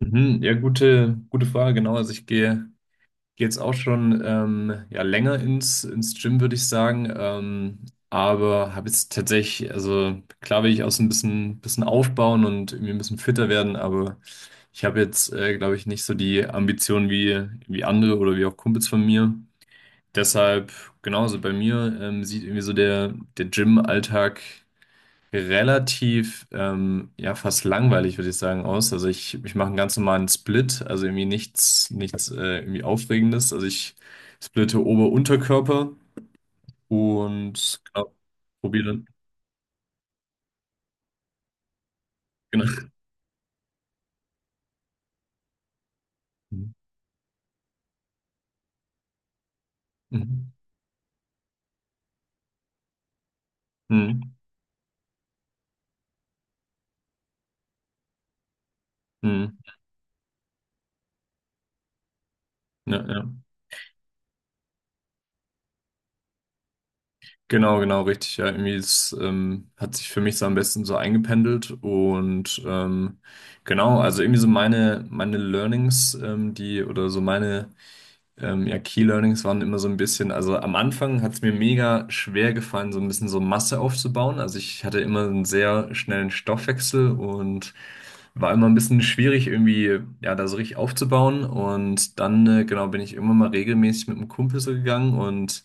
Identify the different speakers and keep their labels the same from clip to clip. Speaker 1: Mhm, ja, gute, gute Frage, genau. Also ich gehe, gehe jetzt auch schon ja, länger ins Gym, würde ich sagen. Aber habe jetzt tatsächlich, also klar will ich auch so ein bisschen aufbauen und irgendwie ein bisschen fitter werden, aber ich habe jetzt, glaube ich, nicht so die Ambitionen wie andere oder wie auch Kumpels von mir. Deshalb, genauso bei mir, sieht irgendwie so der Gym-Alltag relativ, ja, fast langweilig, würde ich sagen, aus. Also ich mache einen ganz normalen Split, also irgendwie nichts irgendwie Aufregendes. Also ich splitte Ober-Unterkörper und genau, probiere. Genau. Mhm. Mhm. Mhm. Mhm. Ja, ja. Genau, genau, richtig. Ja, irgendwie ist, hat sich für mich so am besten so eingependelt und genau, also irgendwie so meine Learnings, die oder so meine ja, Key Learnings waren immer so ein bisschen, also am Anfang hat es mir mega schwer gefallen, so ein bisschen so Masse aufzubauen. Also ich hatte immer einen sehr schnellen Stoffwechsel und war immer ein bisschen schwierig, irgendwie, ja, da so richtig aufzubauen. Und dann, genau, bin ich immer mal regelmäßig mit einem Kumpel so gegangen und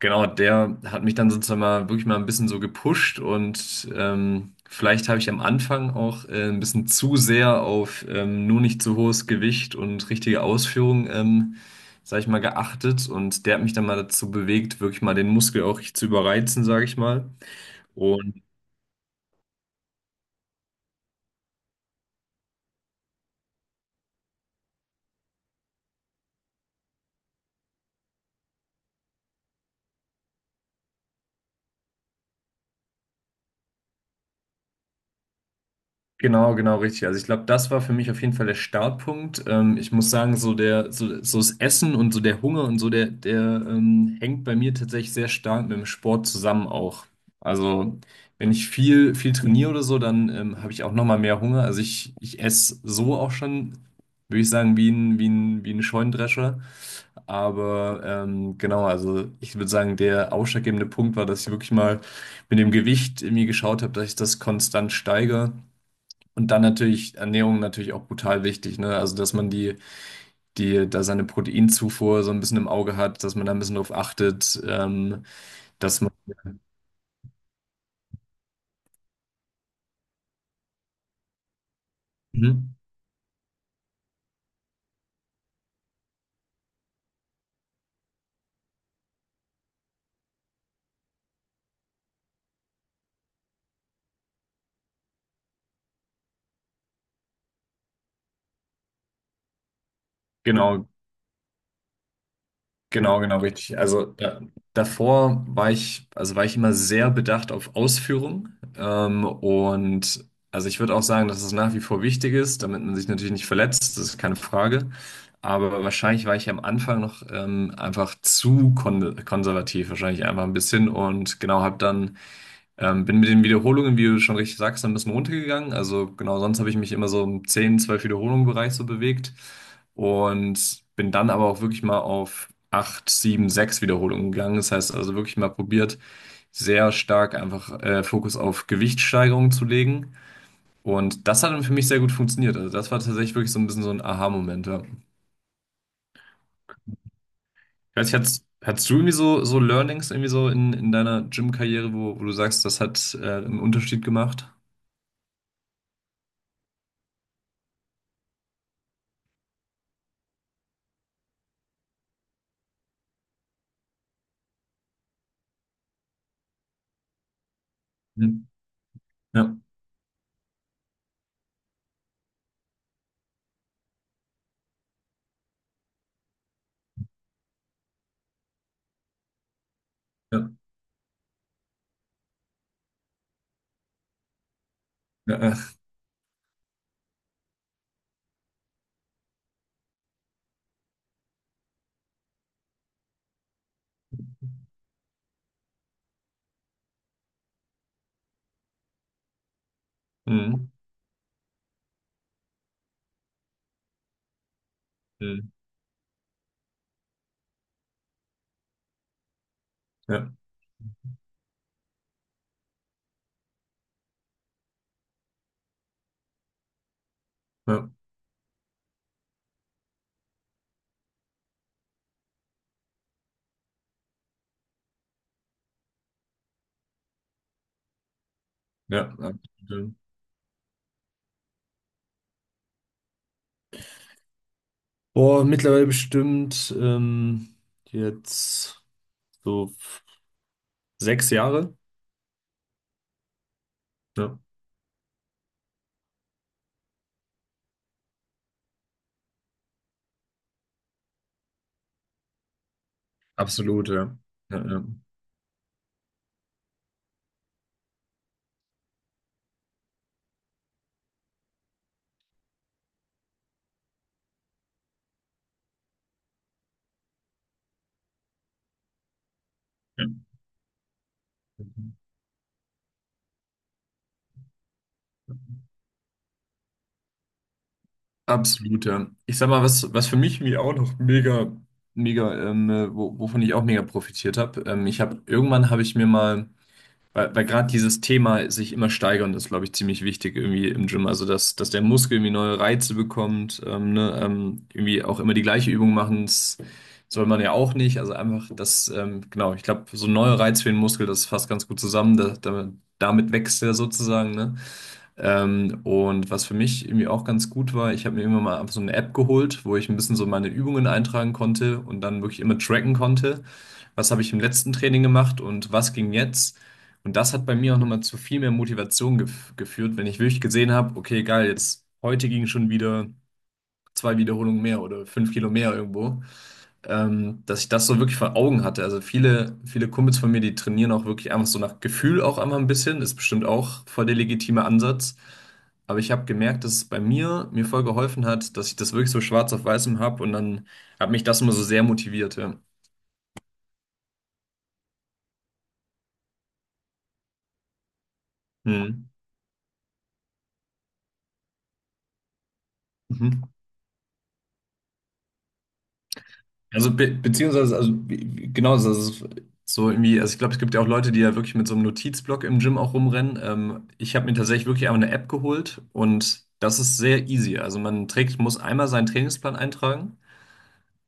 Speaker 1: genau, der hat mich dann sozusagen mal wirklich mal ein bisschen so gepusht und vielleicht habe ich am Anfang auch ein bisschen zu sehr auf nur nicht zu hohes Gewicht und richtige Ausführung, sage ich mal, geachtet und der hat mich dann mal dazu bewegt, wirklich mal den Muskel auch richtig zu überreizen, sage ich mal. Und genau, genau, richtig. Also ich glaube, das war für mich auf jeden Fall der Startpunkt. Ich muss sagen, so der, so, so das Essen und so der Hunger und so, der hängt bei mir tatsächlich sehr stark mit dem Sport zusammen auch. Also wenn ich viel, viel trainiere oder so, dann habe ich auch nochmal mehr Hunger. Also ich esse so auch schon, würde ich sagen, wie ein Scheunendrescher. Aber genau, also ich würde sagen, der ausschlaggebende Punkt war, dass ich wirklich mal mit dem Gewicht irgendwie geschaut habe, dass ich das konstant steigere. Und dann natürlich Ernährung natürlich auch brutal wichtig, ne? Also, dass man da seine Proteinzufuhr so ein bisschen im Auge hat, dass man da ein bisschen drauf achtet, dass man, mhm, genau, genau, genau, richtig. Also davor war ich, also war ich immer sehr bedacht auf Ausführung. Und also ich würde auch sagen, dass es nach wie vor wichtig ist, damit man sich natürlich nicht verletzt, das ist keine Frage. Aber wahrscheinlich war ich am Anfang noch einfach zu konservativ, wahrscheinlich einfach ein bisschen und genau habe dann bin mit den Wiederholungen, wie du schon richtig sagst, ein bisschen runtergegangen. Also genau, sonst habe ich mich immer so im 10 12 Wiederholungen Bereich so bewegt und bin dann aber auch wirklich mal auf 8, 7, 6 Wiederholungen gegangen. Das heißt also wirklich mal probiert, sehr stark einfach Fokus auf Gewichtssteigerung zu legen. Und das hat dann für mich sehr gut funktioniert. Also das war tatsächlich wirklich so ein bisschen so ein Aha-Moment. Ja. Ich weiß nicht, hattest du irgendwie so Learnings irgendwie so in deiner Gym-Karriere, wo du sagst, das hat einen Unterschied gemacht? Mhm. Ja. Ja. Ja, ja. Mhm. Mhm. Ja, ja, ja, absolut. Boah, mittlerweile bestimmt jetzt so 6 Jahre. Ja, absolut, ja. Ja, ja. Ja. Absolut, ja. Ich sag mal, was für mich mir auch noch mega, mega, wovon ich auch mega profitiert habe. Ich habe irgendwann habe ich mir mal weil gerade dieses Thema sich immer steigern ist, glaube ich, ziemlich wichtig irgendwie im Gym. Also, dass der Muskel irgendwie neue Reize bekommt, ne, irgendwie auch immer die gleiche Übung machen, das soll man ja auch nicht. Also einfach das, genau, ich glaube, so ein neuer Reiz für den Muskel, das fasst ganz gut zusammen. Damit wächst er sozusagen, ne? Und was für mich irgendwie auch ganz gut war, ich habe mir irgendwann mal einfach so eine App geholt, wo ich ein bisschen so meine Übungen eintragen konnte und dann wirklich immer tracken konnte, was habe ich im letzten Training gemacht und was ging jetzt. Und das hat bei mir auch nochmal zu viel mehr Motivation geführt, wenn ich wirklich gesehen habe, okay, geil, jetzt heute ging schon wieder zwei Wiederholungen mehr oder 5 Kilo mehr irgendwo, dass ich das so wirklich vor Augen hatte. Also viele, viele Kumpels von mir, die trainieren auch wirklich einfach so nach Gefühl auch einmal ein bisschen, ist bestimmt auch voll der legitime Ansatz. Aber ich habe gemerkt, dass es bei mir voll geholfen hat, dass ich das wirklich so schwarz auf weißem habe und dann hat mich das immer so sehr motiviert. Ja. Hm. Mhm. Also be beziehungsweise, also genau, also es ist so irgendwie, also ich glaube, es gibt ja auch Leute, die ja wirklich mit so einem Notizblock im Gym auch rumrennen. Ich habe mir tatsächlich wirklich einmal eine App geholt und das ist sehr easy. Also man trägt, muss einmal seinen Trainingsplan eintragen.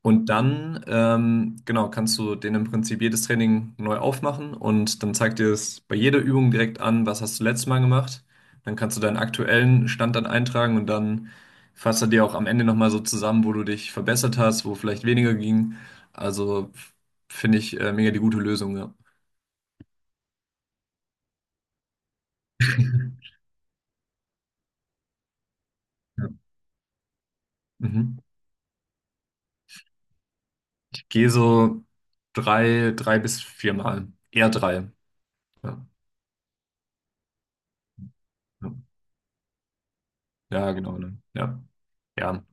Speaker 1: Und dann, genau, kannst du den im Prinzip jedes Training neu aufmachen und dann zeigt dir es bei jeder Übung direkt an, was hast du letztes Mal gemacht. Dann kannst du deinen aktuellen Stand dann eintragen und dann fasst er dir auch am Ende nochmal so zusammen, wo du dich verbessert hast, wo vielleicht weniger ging. Also finde ich mega die gute Lösung, ja. Ja. Mhm. Ich gehe so drei bis viermal. Eher drei. Ja, ja. Ja, genau. Ne? Ja. Ja,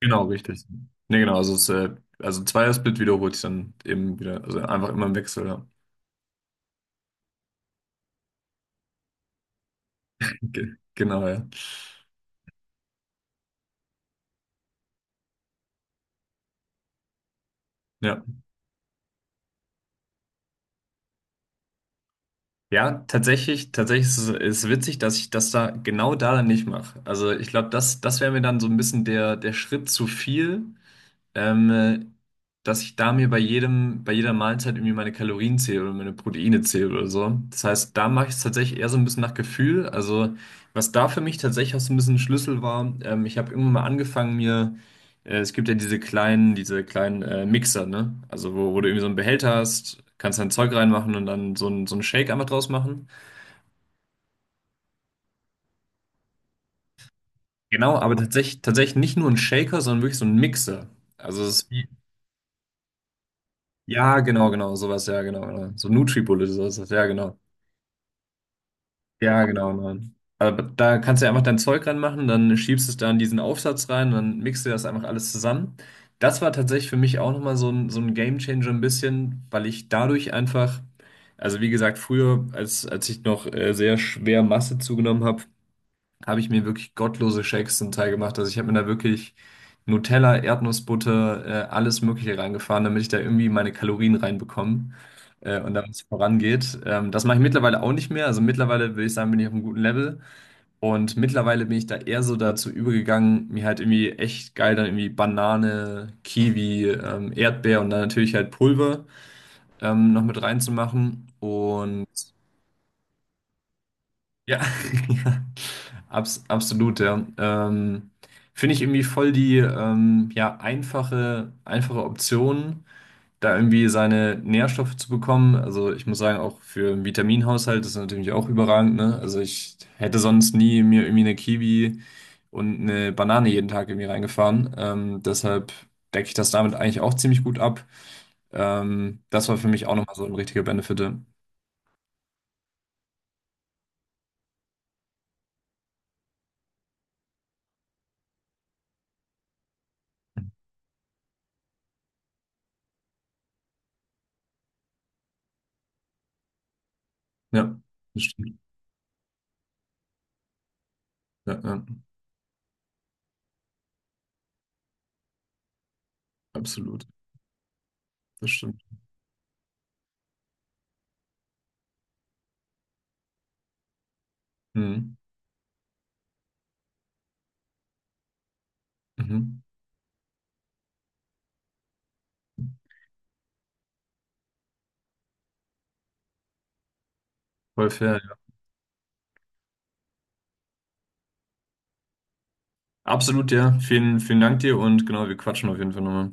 Speaker 1: genau, richtig. Nee, genau, also, es, also ein Zweiersplit wiederholt sich dann eben wieder, also einfach immer im Wechsel, ja. Ge genau, ja. Ja, ja tatsächlich, ist es ist witzig, dass ich das da genau da dann nicht mache. Also ich glaube, das wäre mir dann so ein bisschen der Schritt zu viel. ähm, äh, dass ich da mir bei bei jeder Mahlzeit irgendwie meine Kalorien zähle oder meine Proteine zähle oder so. Das heißt, da mache ich es tatsächlich eher so ein bisschen nach Gefühl. Also, was da für mich tatsächlich auch so ein bisschen ein Schlüssel war, ich habe irgendwann mal angefangen, mir, es gibt ja diese kleinen, Mixer, ne? Also, wo du irgendwie so einen Behälter hast, kannst dein Zeug reinmachen und dann so ein, so einen Shake einfach draus machen. Genau, aber tatsächlich nicht nur ein Shaker, sondern wirklich so ein Mixer. Also, es ist wie. Ja, genau, genau, sowas, ja, genau, genau. So Nutribullet, sowas, ja, genau. Ja, genau, nein. Aber da kannst du ja einfach dein Zeug ranmachen, dann schiebst es da in diesen Aufsatz rein, dann mixt du das einfach alles zusammen. Das war tatsächlich für mich auch nochmal so ein Game Changer ein bisschen, weil ich dadurch einfach, also wie gesagt, früher, als ich noch sehr schwer Masse zugenommen habe, habe ich mir wirklich gottlose Shakes zum Teil gemacht. Also ich habe mir da wirklich Nutella, Erdnussbutter, alles Mögliche reingefahren, damit ich da irgendwie meine Kalorien reinbekomme und damit es vorangeht. Das mache ich mittlerweile auch nicht mehr. Also mittlerweile würde ich sagen, bin ich auf einem guten Level. Und mittlerweile bin ich da eher so dazu übergegangen, mir halt irgendwie echt geil dann irgendwie Banane, Kiwi, Erdbeer und dann natürlich halt Pulver noch mit reinzumachen. Und ja, ja, absolut, ja. Finde ich irgendwie voll die ja, einfache, einfache Option, da irgendwie seine Nährstoffe zu bekommen. Also ich muss sagen, auch für den Vitaminhaushalt ist das natürlich auch überragend, ne? Also ich hätte sonst nie mir irgendwie eine Kiwi und eine Banane jeden Tag irgendwie reingefahren. Deshalb decke ich das damit eigentlich auch ziemlich gut ab. Das war für mich auch nochmal so ein richtiger Benefit. Ja. Ja, das stimmt. Ja, ja, absolut. Das stimmt. Mhm. Mhm. Voll fair. Ja. Absolut, ja. Vielen, vielen Dank dir und genau, wir quatschen auf jeden Fall nochmal.